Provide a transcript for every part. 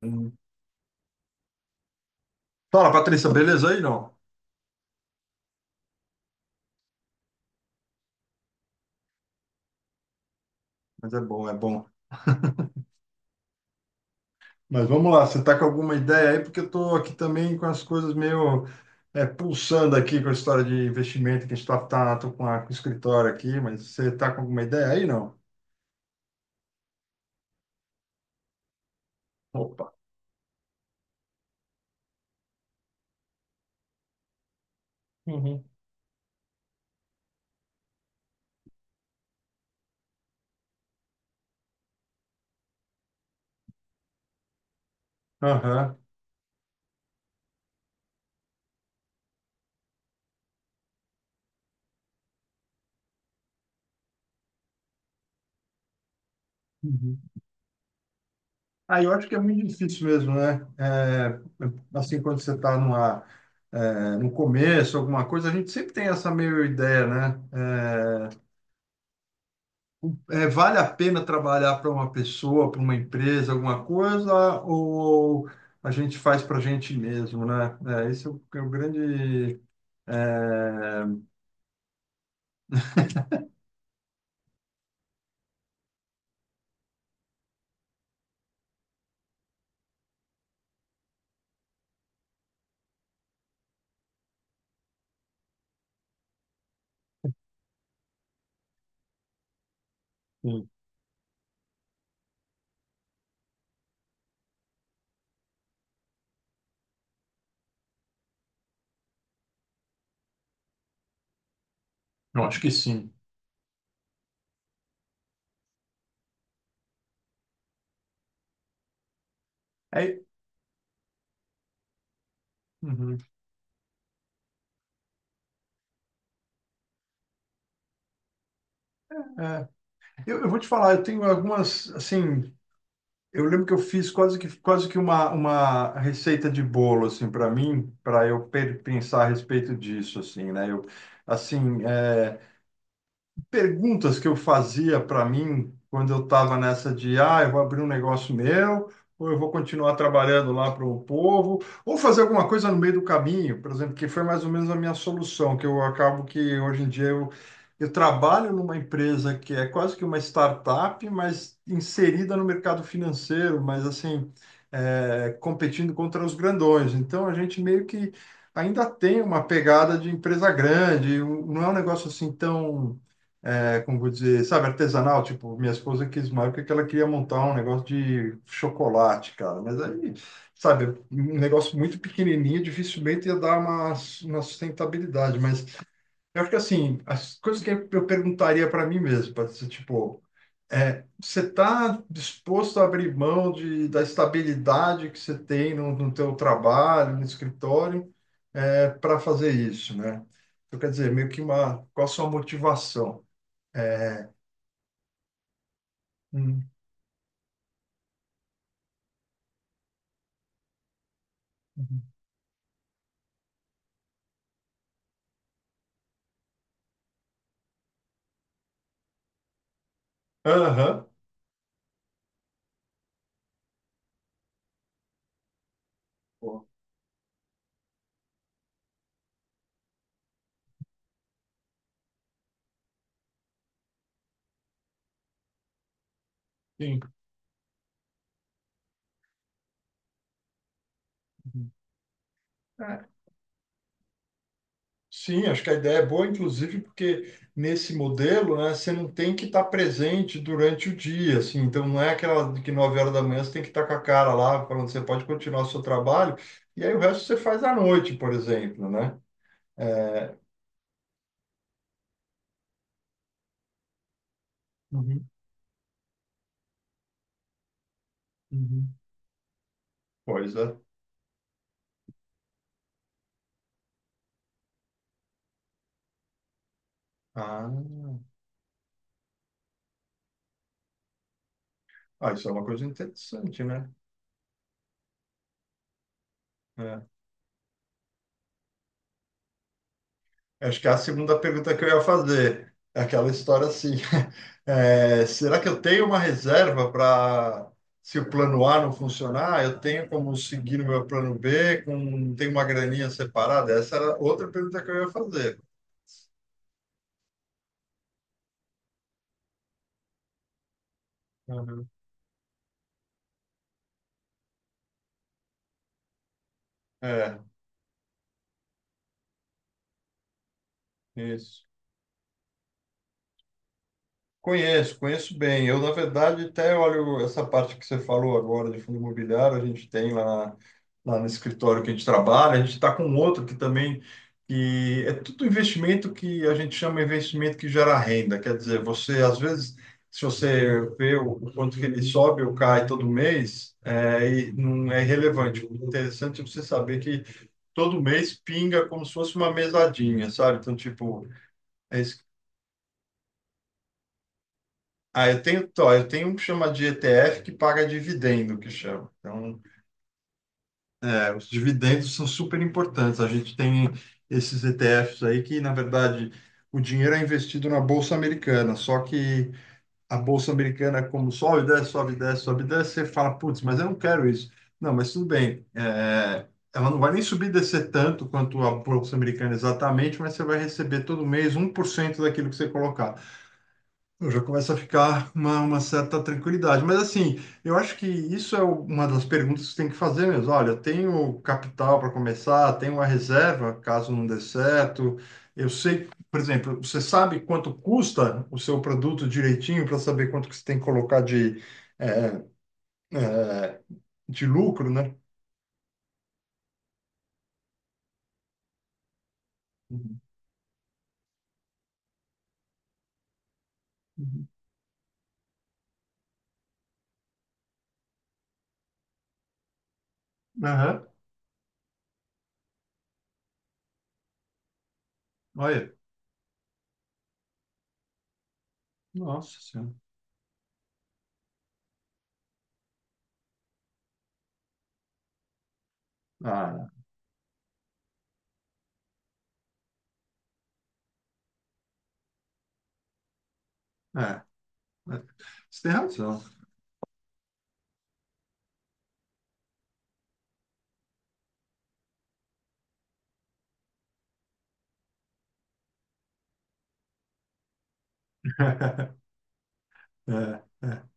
Hum. Fala, Patrícia, beleza aí? Não, mas é bom, é bom. Mas vamos lá, você tá com alguma ideia aí? Porque eu tô aqui também com as coisas meio pulsando aqui com a história de investimento que a gente tô com, a, com o escritório aqui, mas você tá com alguma ideia aí? Não. Opa. Uhum. Aham. Uhum. Ah, eu acho que é muito difícil mesmo, né? Assim, quando você está numa, no começo, alguma coisa, a gente sempre tem essa meio ideia, né? Vale a pena trabalhar para uma pessoa, para uma empresa, alguma coisa, ou a gente faz para a gente mesmo, né? É, esse é o, é o grande. é, sim. Eu acho que sim. É, uhum. É, eu, vou te falar, eu tenho algumas, assim, eu lembro que eu fiz quase que uma receita de bolo, assim, para mim, para eu pe- pensar a respeito disso, assim, né? Eu, assim, perguntas que eu fazia para mim quando eu estava nessa de, ah, eu vou abrir um negócio meu, ou eu vou continuar trabalhando lá para o povo, ou fazer alguma coisa no meio do caminho, por exemplo, que foi mais ou menos a minha solução, que eu acabo que hoje em dia eu trabalho numa empresa que é quase que uma startup, mas inserida no mercado financeiro, mas assim, competindo contra os grandões. Então a gente meio que ainda tem uma pegada de empresa grande, um- não é um negócio assim tão como vou dizer, sabe, artesanal, tipo, minha esposa quis uma época que ela queria montar um negócio de chocolate, cara, mas aí, sabe, um negócio muito pequenininho, dificilmente ia dar uma sustentabilidade, mas eu acho que, assim, as coisas que eu perguntaria para mim mesmo, para ser, tipo, você está disposto a abrir mão de, da estabilidade que você tem no, no teu trabalho, no escritório, para fazer isso, né? Então, quer dizer, meio que uma, qual a sua motivação? É, Hum. Uhum. Aham. Pô, sim. Uhum. É. Sim, acho que a ideia é boa, inclusive, porque nesse modelo, né, você não tem que estar presente durante o dia, assim, então não é aquela de que 9 horas da manhã você tem que estar com a cara lá, falando você pode continuar o seu trabalho, e aí o resto você faz à noite, por exemplo, né? É, uhum, uhum. Pois é. Ah, ah, isso é uma coisa interessante, né? É. Acho que é a segunda pergunta que eu ia fazer. É aquela história assim. É, será que eu tenho uma reserva para, se o plano A não funcionar, eu tenho como seguir o meu plano B, com, tem uma graninha separada? Essa era outra pergunta que eu ia fazer. Uhum. É, isso. Conheço, conheço bem. Eu, na verdade, até olho essa parte que você falou agora de fundo imobiliário, a gente tem lá, lá no escritório que a gente trabalha, a gente está com outro que também que é tudo investimento que a gente chama investimento que gera renda. Quer dizer, você, às vezes, se você vê o quanto que ele sobe ou cai todo mês, é, e não é relevante. O interessante é você saber que todo mês pinga como se fosse uma mesadinha, sabe? Então, tipo, ah, eu tenho, tó, eu tenho um que chama de ETF que paga dividendo, que chama. Então, é, os dividendos são super importantes. A gente tem esses ETFs aí que, na verdade, o dinheiro é investido na Bolsa Americana. Só que a Bolsa Americana, é como sobe, desce, sobe, desce, sobe, desce, você fala, putz, mas eu não quero isso. Não, mas tudo bem. É, ela não vai nem subir e descer tanto quanto a Bolsa Americana exatamente, mas você vai receber todo mês um por cento daquilo que você colocar. Eu já começa a ficar uma certa tranquilidade. Mas assim, eu acho que isso é o- uma das perguntas que você tem que fazer mesmo. Olha, eu tenho capital para começar, tenho uma reserva caso não dê certo. Eu sei, por exemplo, você sabe quanto custa o seu produto direitinho para saber quanto que você tem que colocar de, é, é, de lucro, né? Uhum. Uhum. Aham. Olha, nossa senhora. Ah, é. É. Você tem razão. É, é.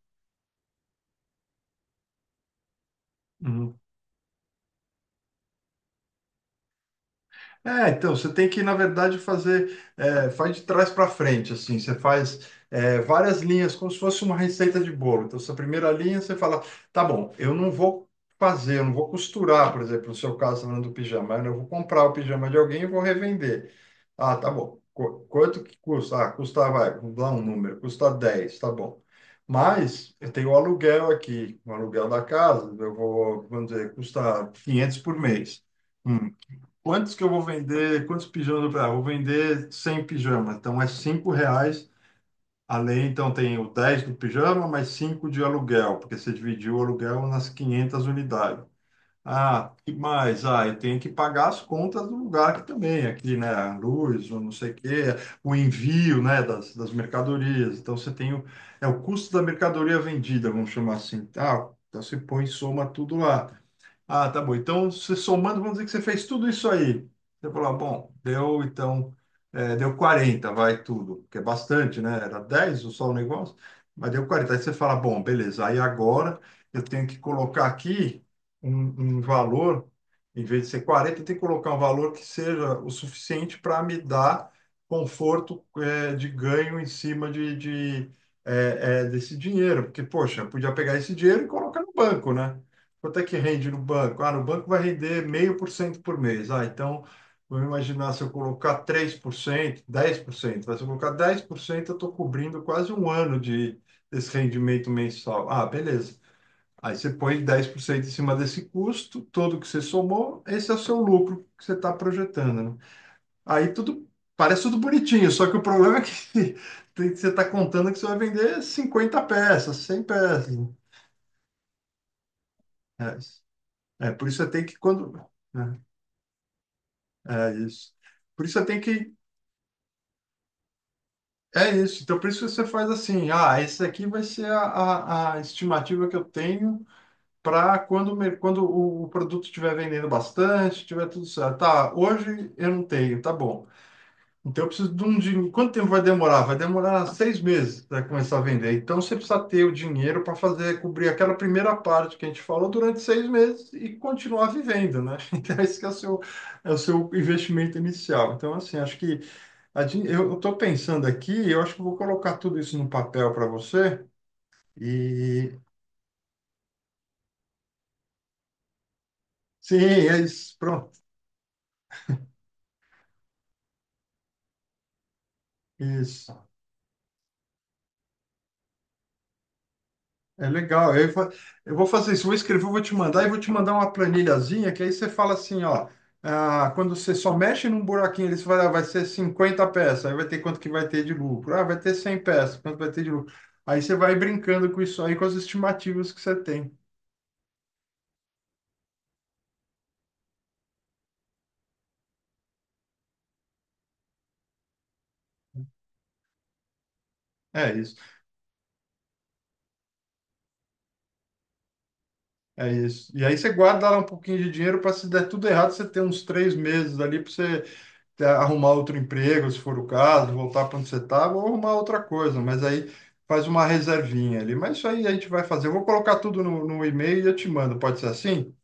Uhum. É, então, você tem que, na verdade, fazer, é, faz de trás para frente, assim, você faz várias linhas, como se fosse uma receita de bolo. Então, essa primeira linha, você fala, tá bom, eu não vou fazer, eu não vou costurar, por exemplo, no seu caso, falando do pijama, né, eu vou comprar o pijama de alguém e vou revender. Ah, tá bom, Qu- quanto que custa? Ah, custa, vai, vamos dar um número, custa 10, tá bom. Mas eu tenho o aluguel aqui, o aluguel da casa, eu vou, vamos dizer, custa 500 por mês. Hum, quantos que eu vou vender? Quantos pijamas eu vou- ah, vou vender 100 pijamas. Então é 5 reais além. Então tem o 10 do pijama, mais 5 de aluguel, porque você dividiu o aluguel nas 500 unidades. Ah, que mais? Ah, eu tenho que pagar as contas do lugar aqui também, aqui, né? A luz, ou não sei o quê, o envio, né, das, das mercadorias. Então você tem o, é o custo da mercadoria vendida, vamos chamar assim. Ah, então você põe e soma tudo lá. Ah, tá bom. Então, você somando, vamos dizer que você fez tudo isso aí. Você falou, ah, bom, deu então, deu 40, vai tudo, que é bastante, né? Era 10 só o negócio, mas deu 40. Aí você fala, bom, beleza, aí agora eu tenho que colocar aqui um, um valor, em vez de ser 40, eu tenho que colocar um valor que seja o suficiente para me dar conforto, é, de ganho em cima de, desse dinheiro. Porque, poxa, eu podia pegar esse dinheiro e colocar no banco, né? Quanto é que rende no banco? Ah, no banco vai render meio por cento por mês. Ah, então, vamos imaginar se eu colocar 3%, 10%. Mas se eu colocar 10%, eu estou cobrindo quase um ano de, desse rendimento mensal. Ah, beleza. Aí você põe 10% em cima desse custo, todo que você somou, esse é o seu lucro que você está projetando, né? Aí tudo parece tudo bonitinho, só que o problema é que tem- você está contando que você vai vender 50 peças, 100 peças. Né? É, é por isso você tem que quando né? É isso. Por isso você tem que. É isso. Então, por isso você faz assim: ah, esse aqui vai ser a estimativa que eu tenho para quando, o mer- quando o produto estiver vendendo bastante, tiver tudo certo. Tá, hoje eu não tenho, tá bom. Então, eu preciso de um dinheiro. Quanto tempo vai demorar? Vai demorar 6 meses para começar a vender. Então, você precisa ter o dinheiro para fazer, cobrir aquela primeira parte que a gente falou durante 6 meses e continuar vivendo, né? Então, esse que é o seu investimento inicial. Então, assim, acho que. A gente- eu estou pensando aqui, eu acho que vou colocar tudo isso no papel para você. E sim, é isso, pronto. Isso. É legal. Eu, fa- eu vou fazer isso, vou escrever, eu vou te mandar e vou te mandar uma planilhazinha que aí você fala assim, ó, ah, quando você só mexe num buraquinho, eles vai, ah, vai ser 50 peças, aí vai ter quanto que vai ter de lucro. Ah, vai ter 100 peças, quanto vai ter de lucro. Aí você vai brincando com isso aí, com as estimativas que você tem. É isso. É isso. E aí você guarda lá um pouquinho de dinheiro para se der tudo errado, você ter uns 3 meses ali para você ter- arrumar outro emprego, se for o caso, voltar para onde você estava, ou arrumar outra coisa. Mas aí faz uma reservinha ali. Mas isso aí a gente vai fazer. Eu vou colocar tudo no, no e-mail e eu te mando. Pode ser assim?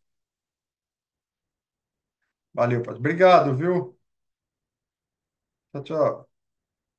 Valeu, pode. Obrigado, viu? Tchau, tchau.